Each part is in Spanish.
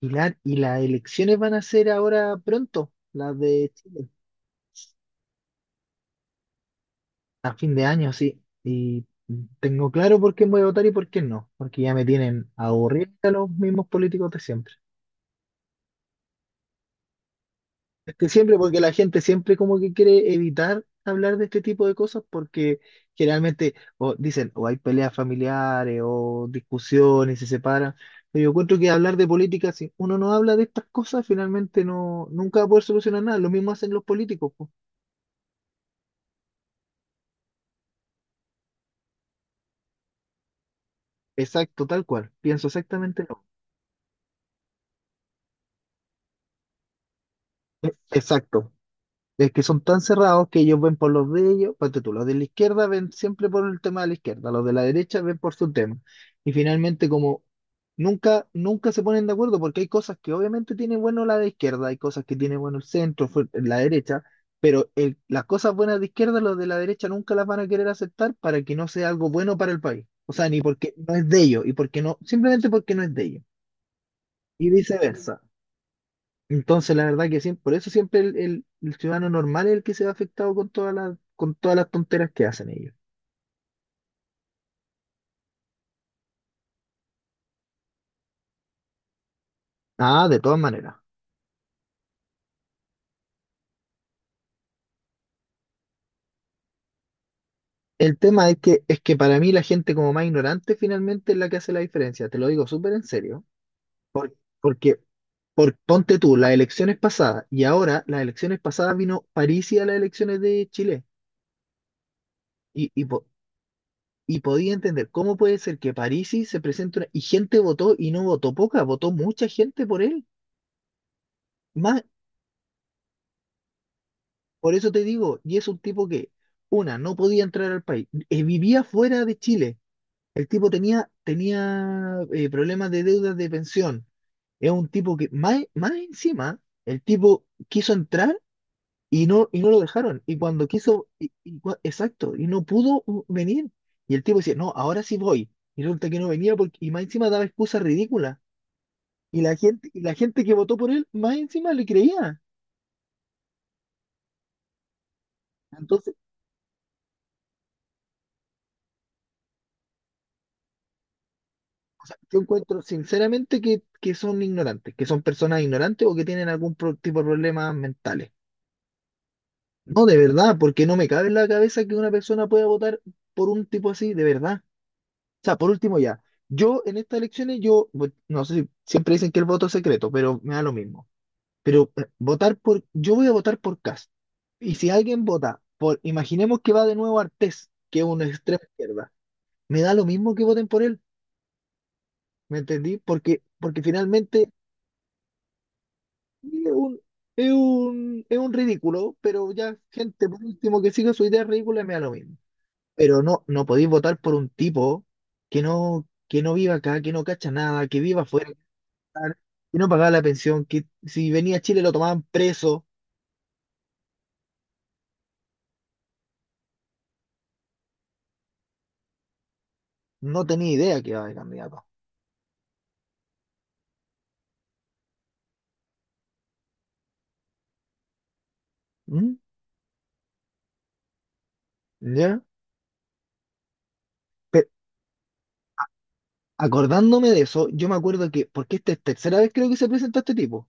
Y las elecciones van a ser ahora pronto, las de Chile, a fin de año, sí. Y tengo claro por quién voy a votar y por qué no, porque ya me tienen aburrido a los mismos políticos de siempre. Es que siempre, porque la gente siempre como que quiere evitar hablar de este tipo de cosas, porque generalmente o dicen, o hay peleas familiares, o discusiones, se separan. Pero yo encuentro que hablar de política, si uno no habla de estas cosas, finalmente no, nunca va a poder solucionar nada. Lo mismo hacen los políticos. Exacto, tal cual. Pienso exactamente lo mismo. E- Exacto. Es que son tan cerrados que ellos ven por los de ellos, ponte tú, los de la izquierda ven siempre por el tema de la izquierda, los de la derecha ven por su tema. Y finalmente, como nunca se ponen de acuerdo, porque hay cosas que obviamente tiene bueno la de izquierda, hay cosas que tiene bueno el centro, la derecha, pero las cosas buenas de izquierda, los de la derecha nunca las van a querer aceptar para que no sea algo bueno para el país. O sea, ni porque no es de ellos, y porque no, simplemente porque no es de ellos. Y viceversa. Entonces, la verdad que siempre, por eso siempre el ciudadano normal es el que se ve afectado con todas con todas las tonteras que hacen ellos. Ah, de todas maneras. El tema es es que para mí la gente como más ignorante finalmente es la que hace la diferencia. Te lo digo súper en serio. Por- porque, Ponte tú, las elecciones pasadas y ahora las elecciones pasadas vino Parisi a las elecciones de Chile. Y, y, po- y podía entender cómo puede ser que Parisi se presente y gente votó y no votó poca, votó mucha gente por él. Más, por eso te digo, y es un tipo que, una, no podía entrar al país, vivía fuera de Chile. El tipo tenía problemas de deudas de pensión. Es un tipo que, más, más encima, el tipo quiso entrar y y no lo dejaron. Y cuando quiso, exacto, y no pudo venir. Y el tipo decía, no, ahora sí voy. Y resulta que no venía porque, y más encima daba excusas ridículas. Y la gente que votó por él, más encima le creía. Entonces, o sea, yo encuentro sinceramente que son ignorantes, que son personas ignorantes o que tienen algún tipo de problemas mentales. No, de verdad, porque no me cabe en la cabeza que una persona pueda votar por un tipo así, de verdad. O sea, por último ya, yo en estas elecciones, no sé si siempre dicen que el voto es secreto, pero me da lo mismo. Pero yo voy a votar por Kast. Y si alguien vota por, imaginemos que va de nuevo Artés, que es una extrema izquierda, me da lo mismo que voten por él. ¿Me entendí? Porque, porque finalmente Y Es un, es un ridículo, pero ya gente por último que siga su idea ridícula me da lo mismo. Pero no podéis votar por un tipo que no viva acá, que no cacha nada, que viva afuera, que no pagaba la pensión, que si venía a Chile lo tomaban preso, no tenía idea que iba de candidato. ¿Mm? ¿Ya? Pero acordándome de eso, yo me acuerdo que, porque esta es tercera vez creo que se presenta este tipo.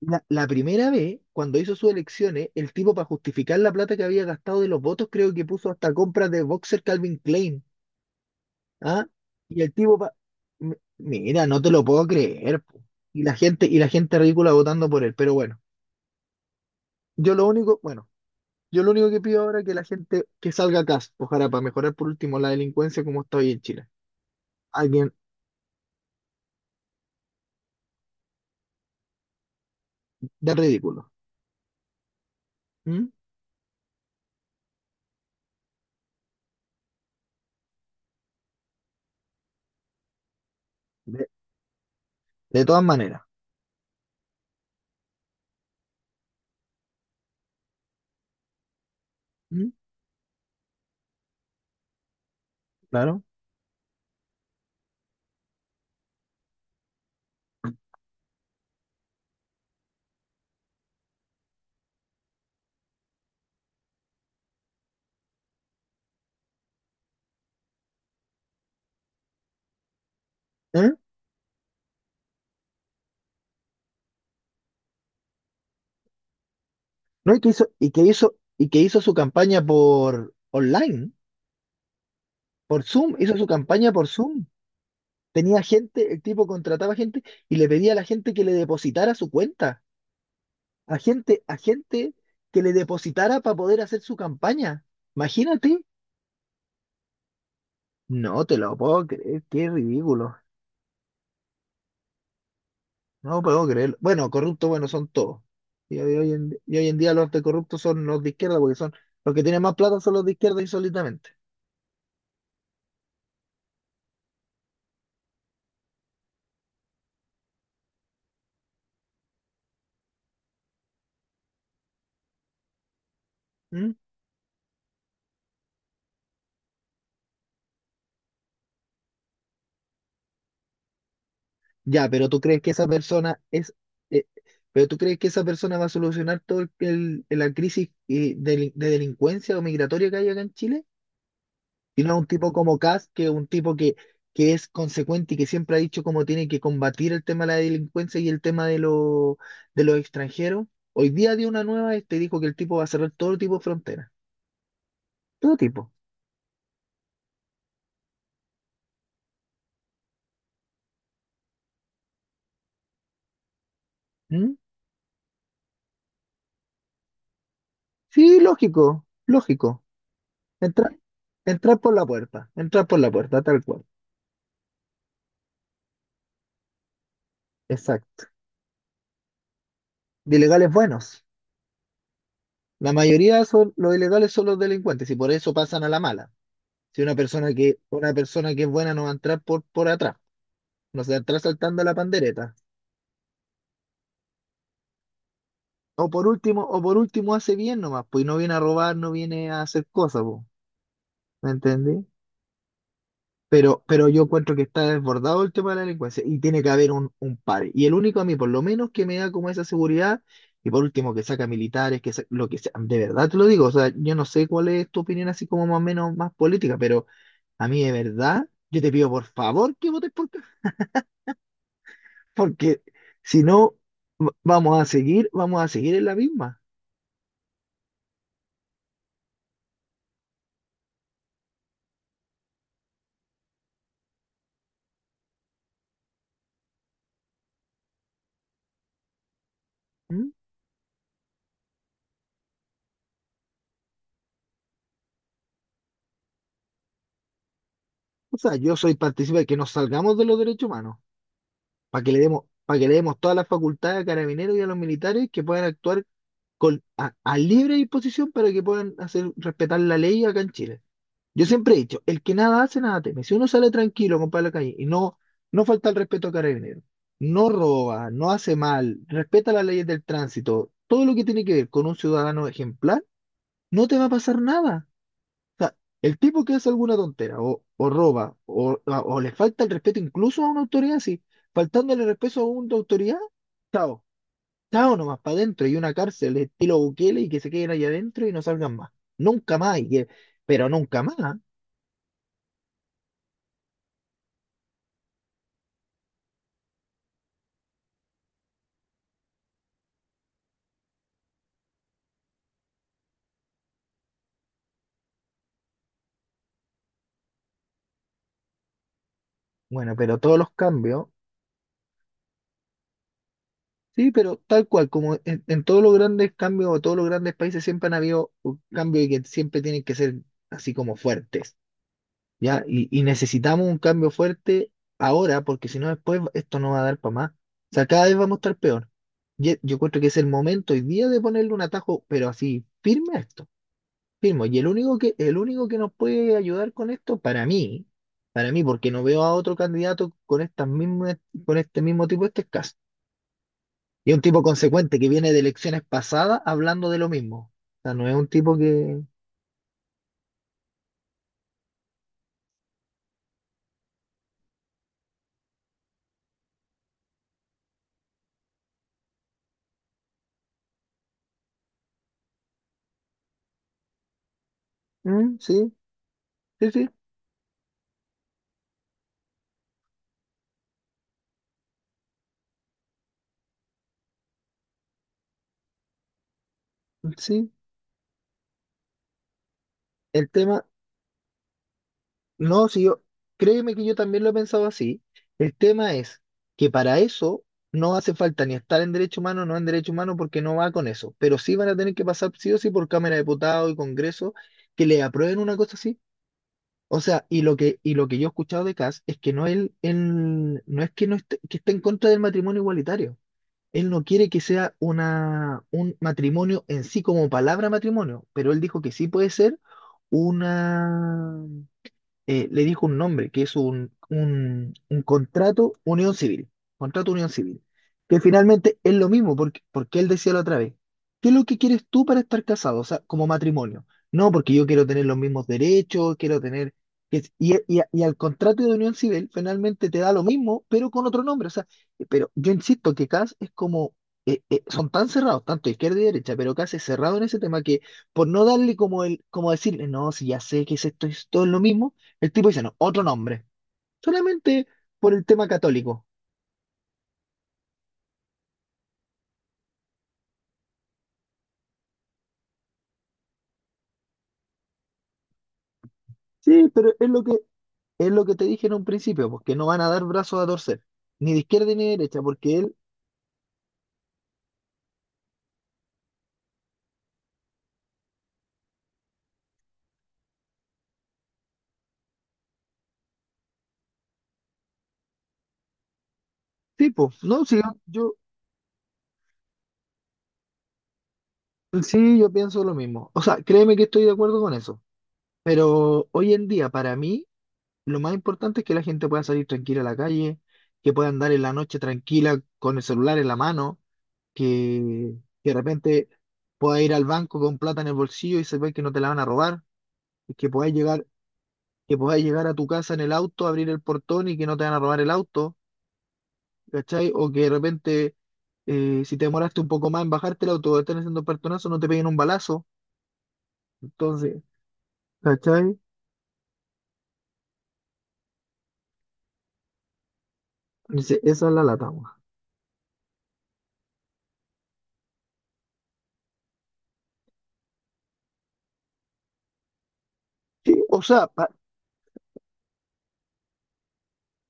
La primera vez, cuando hizo sus elecciones, el tipo para justificar la plata que había gastado de los votos, creo que puso hasta compras de boxer Calvin Klein. ¿Ah? Y el tipo pa- M- Mira, no te lo puedo creer, po. Y la gente ridícula votando por él. Pero bueno, yo lo único, bueno, yo lo único que pido ahora es que la gente que salga a casa ojalá para mejorar por último la delincuencia como está hoy en Chile. Alguien de ridículo. ¿Mm? De, de todas maneras. ¿Mm? Claro. ¿Eh? No, y que hizo su campaña por online, por Zoom, hizo su campaña por Zoom. Tenía gente, el tipo contrataba gente y le pedía a la gente que le depositara su cuenta, a gente que le depositara para poder hacer su campaña. Imagínate. No te lo puedo creer, qué ridículo. No puedo creerlo. Bueno, corruptos, bueno, son todos. Y hoy en día los de corruptos son los de izquierda, porque son los que tienen más plata son los de izquierda insólitamente. Ya, pero tú crees que esa persona es, eh, pero tú crees que esa persona va a solucionar todo la crisis de delincuencia o migratoria que hay acá en Chile, y no un tipo como Kast, que es un tipo que es consecuente y que siempre ha dicho cómo tiene que combatir el tema de la delincuencia y el tema de, de los extranjeros. Hoy día dio una nueva, este dijo que el tipo va a cerrar todo tipo de fronteras, todo tipo. ¿Mm? Sí, lógico, lógico. Entra- entrar por la puerta, entrar por la puerta, tal cual. Exacto. De ilegales buenos. La mayoría son los ilegales son los delincuentes y por eso pasan a la mala. Si una persona que es buena no va a entrar por atrás, no se va a entrar saltando la pandereta. O por último hace bien nomás, pues y no viene a robar, no viene a hacer cosas, po. ¿Me entendí? Pero yo encuentro que está desbordado el tema de la delincuencia y tiene que haber un par. Y el único a mí, por lo menos, que me da como esa seguridad, y por último, que saca militares, que sa- lo que sea, de verdad te lo digo, o sea, yo no sé cuál es tu opinión así como más o menos más política, pero a mí de verdad, yo te pido por favor que votes por Kast, porque si no, vamos a seguir en la misma. ¿M? O sea, yo soy partícipe de que nos salgamos de los derechos humanos, para que le demos todas las facultades a carabineros y a los militares que puedan actuar a libre disposición para que puedan hacer respetar la ley acá en Chile. Yo siempre he dicho, el que nada hace, nada teme. Si uno sale tranquilo, compadre, a la calle y no falta el respeto a Carabineros, no roba, no hace mal, respeta las leyes del tránsito, todo lo que tiene que ver con un ciudadano ejemplar, no te va a pasar nada. O sea, el tipo que hace alguna tontera o roba o le falta el respeto incluso a una autoridad, sí, faltándole respeto a una autoridad, chao. Chao nomás para adentro y una cárcel estilo Bukele y que se queden allá adentro y no salgan más. Nunca más, y que- pero nunca más. Bueno, pero todos los cambios, sí, pero tal cual, como en todos los grandes cambios o todos los grandes países siempre han habido cambios y que siempre tienen que ser así como fuertes, ¿ya? Y necesitamos un cambio fuerte ahora porque si no después esto no va a dar para más. O sea, cada vez vamos a estar peor. Yo encuentro que es el momento hoy día de ponerle un atajo, pero así firme a esto. Firmo, y el único que nos puede ayudar con esto, para mí, porque no veo a otro candidato con estas mismas, con este mismo tipo de este caso. Y es un tipo consecuente que viene de elecciones pasadas hablando de lo mismo. O sea, no es un tipo que. Mm, sí, sí, sí. El tema, no, si yo, créeme que yo también lo he pensado así. El tema es que para eso no hace falta ni estar en derecho humano, no en derecho humano, porque no va con eso. Pero sí van a tener que pasar sí o sí por Cámara de Diputados y Congreso que le aprueben una cosa así. O sea, y lo que yo he escuchado de Kass es que no él, él no es que no esté, que esté en contra del matrimonio igualitario. Él no quiere que sea un matrimonio en sí como palabra matrimonio, pero él dijo que sí puede ser una le dijo un nombre, que es un contrato unión civil, que finalmente es lo mismo, porque él decía la otra vez, ¿qué es lo que quieres tú para estar casado? O sea, como matrimonio. No, porque yo quiero tener los mismos derechos, quiero tener... Y al contrato de unión civil finalmente te da lo mismo, pero con otro nombre. O sea, pero yo insisto que CAS es como... son tan cerrados, tanto izquierda y derecha, pero CAS es cerrado en ese tema que por no darle como el, como decirle, no, si ya sé que es esto, esto es lo mismo, el tipo dice, no, otro nombre, solamente por el tema católico. Sí, pero es lo que te dije en un principio, porque no van a dar brazos a torcer, ni de izquierda ni de derecha, porque él, tipo, no, sí, yo, sí, yo pienso lo mismo. O sea, créeme que estoy de acuerdo con eso, pero hoy en día, para mí, lo más importante es que la gente pueda salir tranquila a la calle, que pueda andar en la noche tranquila con el celular en la mano, que, que de repente pueda ir al banco con plata en el bolsillo y se ve que no te la van a robar, y que pueda llegar que puedas llegar a tu casa en el auto, abrir el portón y que no te van a robar el auto, ¿cachai? O que de repente, si te demoraste un poco más en bajarte el auto o están haciendo portonazo, no te peguen un balazo. Entonces, ¿cachai? Dice, esa es la lata, weón. Sí, o sea,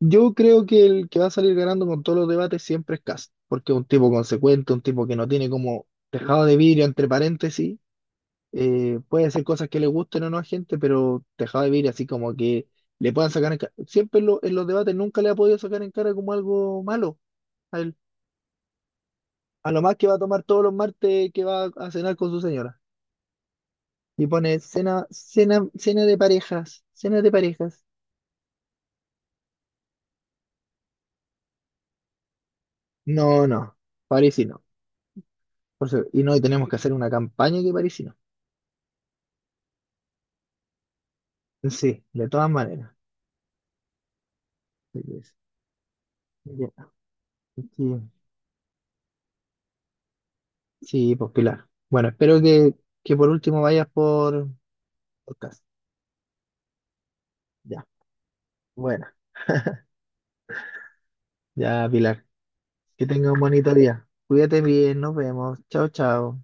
yo creo que el que va a salir ganando con todos los debates siempre es Kast, porque es un tipo consecuente, un tipo que no tiene como tejado de vidrio, entre paréntesis, puede ser cosas que le gusten o no a gente, pero dejado de vivir así como que le puedan sacar en cara. Siempre en los debates nunca le ha podido sacar en cara como algo malo a él. A lo más que va a tomar todos los martes que va a cenar con su señora. Y pone cena de parejas, cena de parejas. No, no, París y no. Y tenemos que hacer una campaña que París y no. Sí, de todas maneras. Así que es- ya, así Sí, pues Pilar. Bueno, que por último vayas por podcast. Bueno, ya Pilar, que tenga un bonito día. Cuídate bien, nos vemos. Chao, chao.